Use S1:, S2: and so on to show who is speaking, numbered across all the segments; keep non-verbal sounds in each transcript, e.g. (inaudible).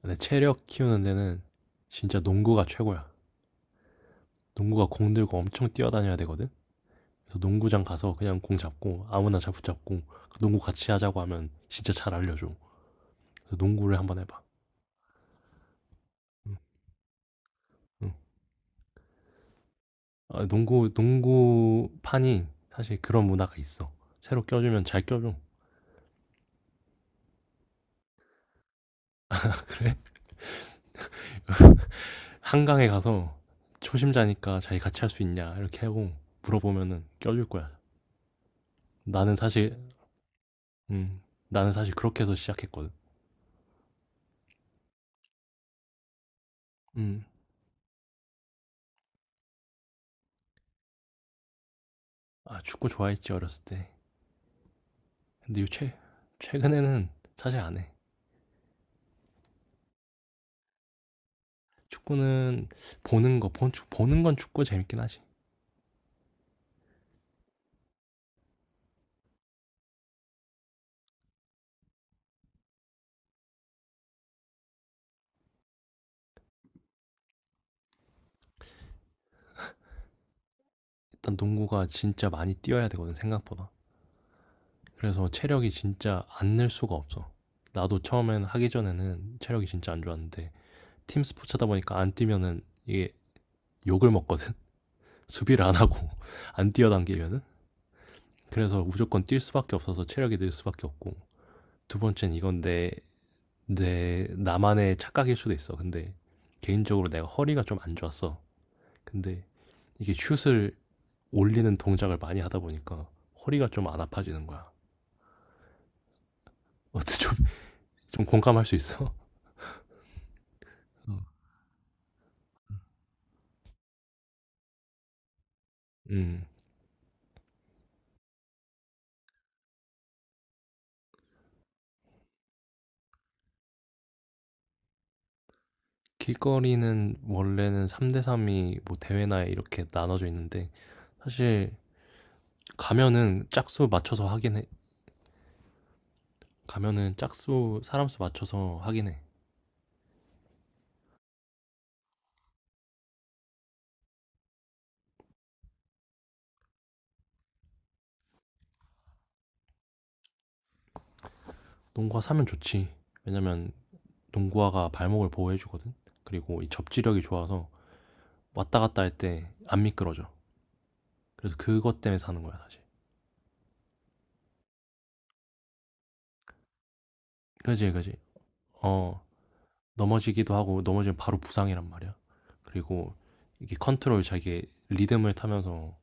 S1: 근데 체력 키우는 데는 진짜 농구가 최고야. 농구가 공 들고 엄청 뛰어다녀야 되거든. 그래서 농구장 가서 그냥 공 잡고 아무나 잡 붙잡고 그 농구 같이 하자고 하면 진짜 잘 알려줘. 그래서 농구를 한번 해봐. 응, 응. 아, 농구판이 사실 그런 문화가 있어. 새로 껴주면 잘 껴줘. 그래? (laughs) 한강에 가서 초심자니까 자기 같이 할 수 있냐 이렇게 하고 물어보면은 껴줄 거야. 나는 사실 음 나는 사실 그렇게 해서 시작했거든. 음. 아, 축구 좋아했지, 어렸을 때. 근데 요 최 최근에는 사실 안 해. 축구는 보는 거 본 축 보는 건 축구 재밌긴 하지. 일단 농구가 진짜 많이 뛰어야 되거든 생각보다. 그래서 체력이 진짜 안 늘 수가 없어. 나도 처음엔 하기 전에는 체력이 진짜 안 좋았는데 팀 스포츠다 보니까 안 뛰면은 이게 욕을 먹거든. (laughs) 수비를 안 하고 (laughs) 안 뛰어당기면은 그래서 무조건 뛸 수밖에 없어서 체력이 늘 수밖에 없고 두 번째는 이건 내 내 나만의 착각일 수도 있어. 근데 개인적으로 내가 허리가 좀 안 좋았어. 근데 이게 슛을 올리는 동작을 많이 하다 보니까 허리가 좀 안 아파지는 거야. (laughs) 어때 좀, 좀 공감할 수 있어? 어. 음. 길거리는 원래는 3대3이 뭐 대회나 이렇게 나눠져 있는데 사실 가면은 짝수 맞춰서 하긴 해. 가면은 짝수 사람 수 맞춰서 하긴 해. 농구화 사면 좋지. 왜냐면 농구화가 발목을 보호해 주거든. 그리고 이 접지력이 좋아서 왔다 갔다 할 때 안 미끄러져. 그래서 그것 때문에 사는 거야, 사실. 그지, 그지. 어. 넘어지기도 하고 넘어지면 바로 부상이란 말이야. 그리고 이게 컨트롤 자기 리듬을 타면서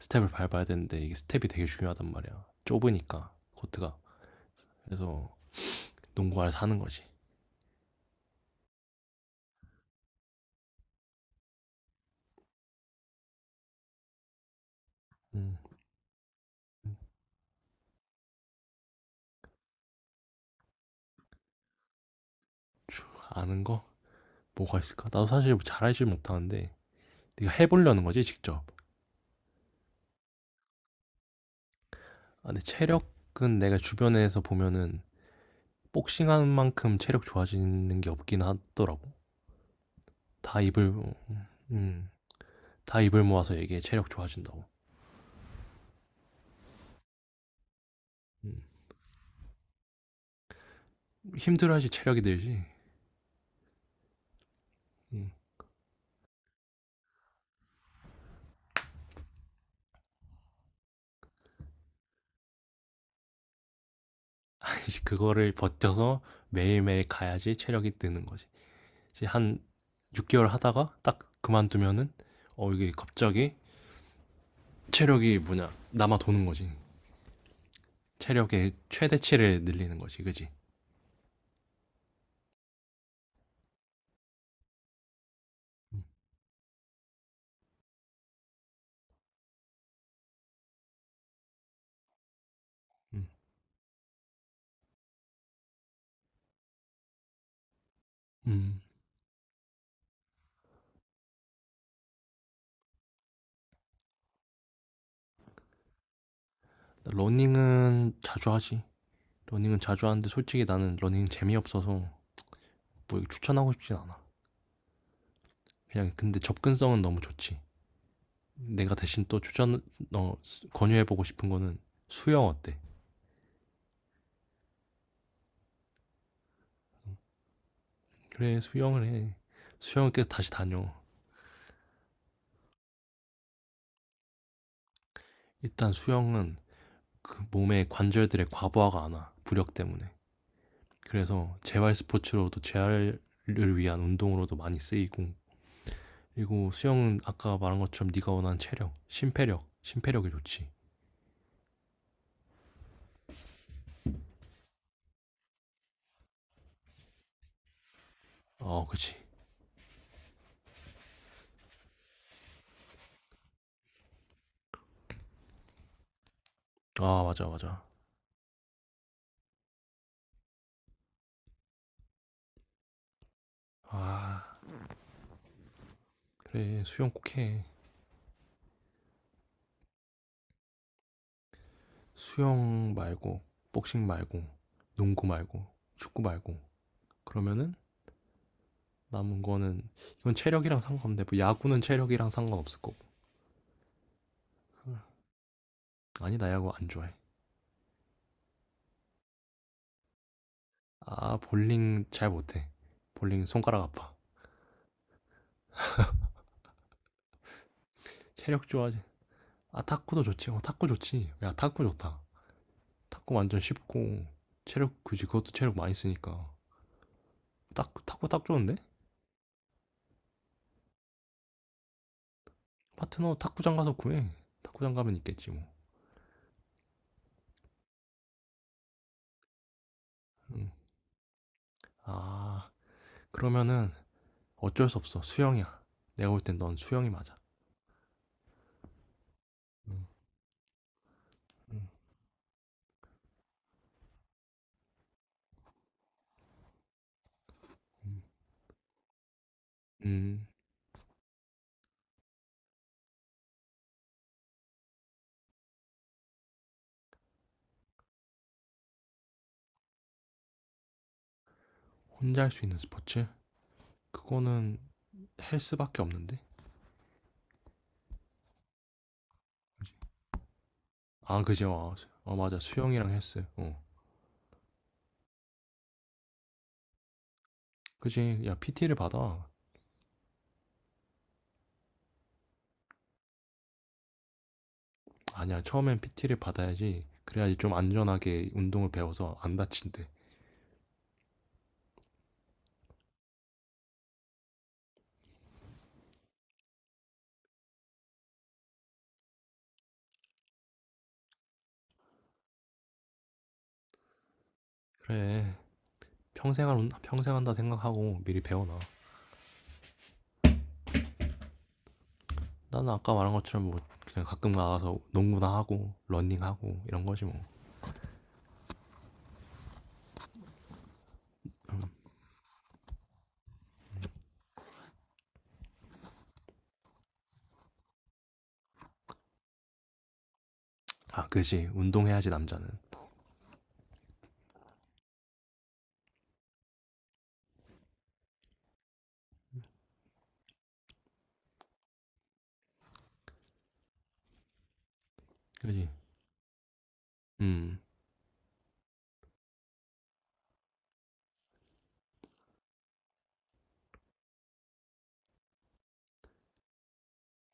S1: 스텝을 밟아야 되는데 이게 스텝이 되게 중요하단 말이야. 좁으니까 코트가. 그래서 농구화를 사는 거지. 음, 아는 거 뭐가 있을까? 나도 사실 잘 알지 못하는데 네가 해보려는 거지 직접. 아, 근데 체력은 내가 주변에서 보면은 복싱하는 만큼 체력 좋아지는 게 없긴 하더라고. 다 입을 음, 다 입을 모아서 얘기해 체력 좋아진다고. 음. 힘들어야지 체력이 늘지. 음. (laughs) 이제 그거를 버텨서 매일매일 가야지 체력이 느는 거지. 이제 한 6개월 하다가 딱 그만두면은 어 이게 갑자기 체력이 뭐냐 남아 도는 거지. 체력의 최대치를 늘리는 거지, 그지? 음, 음, 음. 러닝은 자주 하지. 러닝은 자주 하는데 솔직히 나는 러닝 재미없어서 뭐 추천하고 싶진 않아. 그냥 근데 접근성은 너무 좋지. 내가 대신 또 추천 어 권유해 보고 싶은 거는 수영 어때? 그래, 수영을 해. 수영을 계속 다시 다녀. 일단 수영은 그 몸의 관절들의 과부하가 안 와. 부력 때문에. 그래서 재활 스포츠로도 재활을 위한 운동으로도 많이 쓰이고 그리고 수영은 아까 말한 것처럼 네가 원하는 체력, 심폐력, 심폐력이 좋지. 어, 그치. 아, 맞아, 맞아. 아, 그래. 수영 꼭 해. 수영 말고, 복싱 말고, 농구 말고, 축구 말고. 그러면은 남은 거는 이건 체력이랑 상관없는데 뭐 야구는 체력이랑 상관없을 거고 아니 나 야구 안 좋아해 아 볼링 잘 못해 볼링 손가락 아파 체력 좋아하지 아 탁구도 좋지 어 탁구 좋지 야 탁구 좋다 탁구 완전 쉽고 체력 그지 그것도 체력 많이 쓰니까 탁구 탁구 딱 좋은데 파트너 탁구장 가서 구해 탁구장 가면 있겠지 뭐 응. 아 그러면은 어쩔 수 없어 수영이야 내가 볼 땐 넌 수영이 맞아 음, 음, 음. 혼자 할 수 있는 스포츠 그거는 헬스밖에 없는데? 아, 그지, 어, 어, 맞아. 수영이랑 헬스. 어. 그지, 야, PT를 받아. 아니야, 처음엔 PT를 받아야지. 그래야지 좀 안전하게 운동을 배워서 안 다친대. 그래, 평생 한다 생각하고 미리 배워놔. 나는 아까 말한 것처럼 뭐, 그냥 가끔 나가서 농구나 하고, 러닝하고, 이런 거지 뭐. 아, 그지. 운동해야지, 남자는. 그지. 음,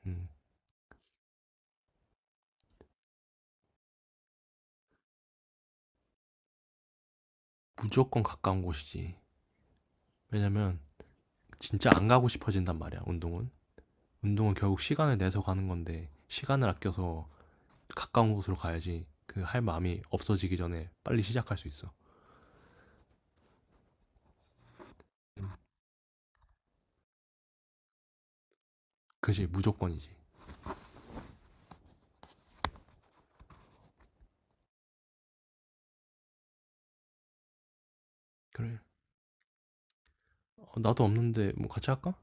S1: 음. 무조건 가까운 곳이지. 왜냐면, 진짜 안 가고 싶어진단 말이야, 운동은. 운동은 결국 시간을 내서 가는 건데 시간을 아껴서 가까운 곳으로 가야지 그 할 마음이 없어지기 전에 빨리 시작할 수 있어. 그지 무조건이지. 그래. 어, 나도 없는데 뭐 같이 할까?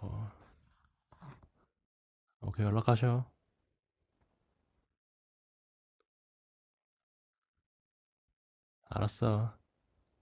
S1: 어, 오케이 연락하셔. 알았어.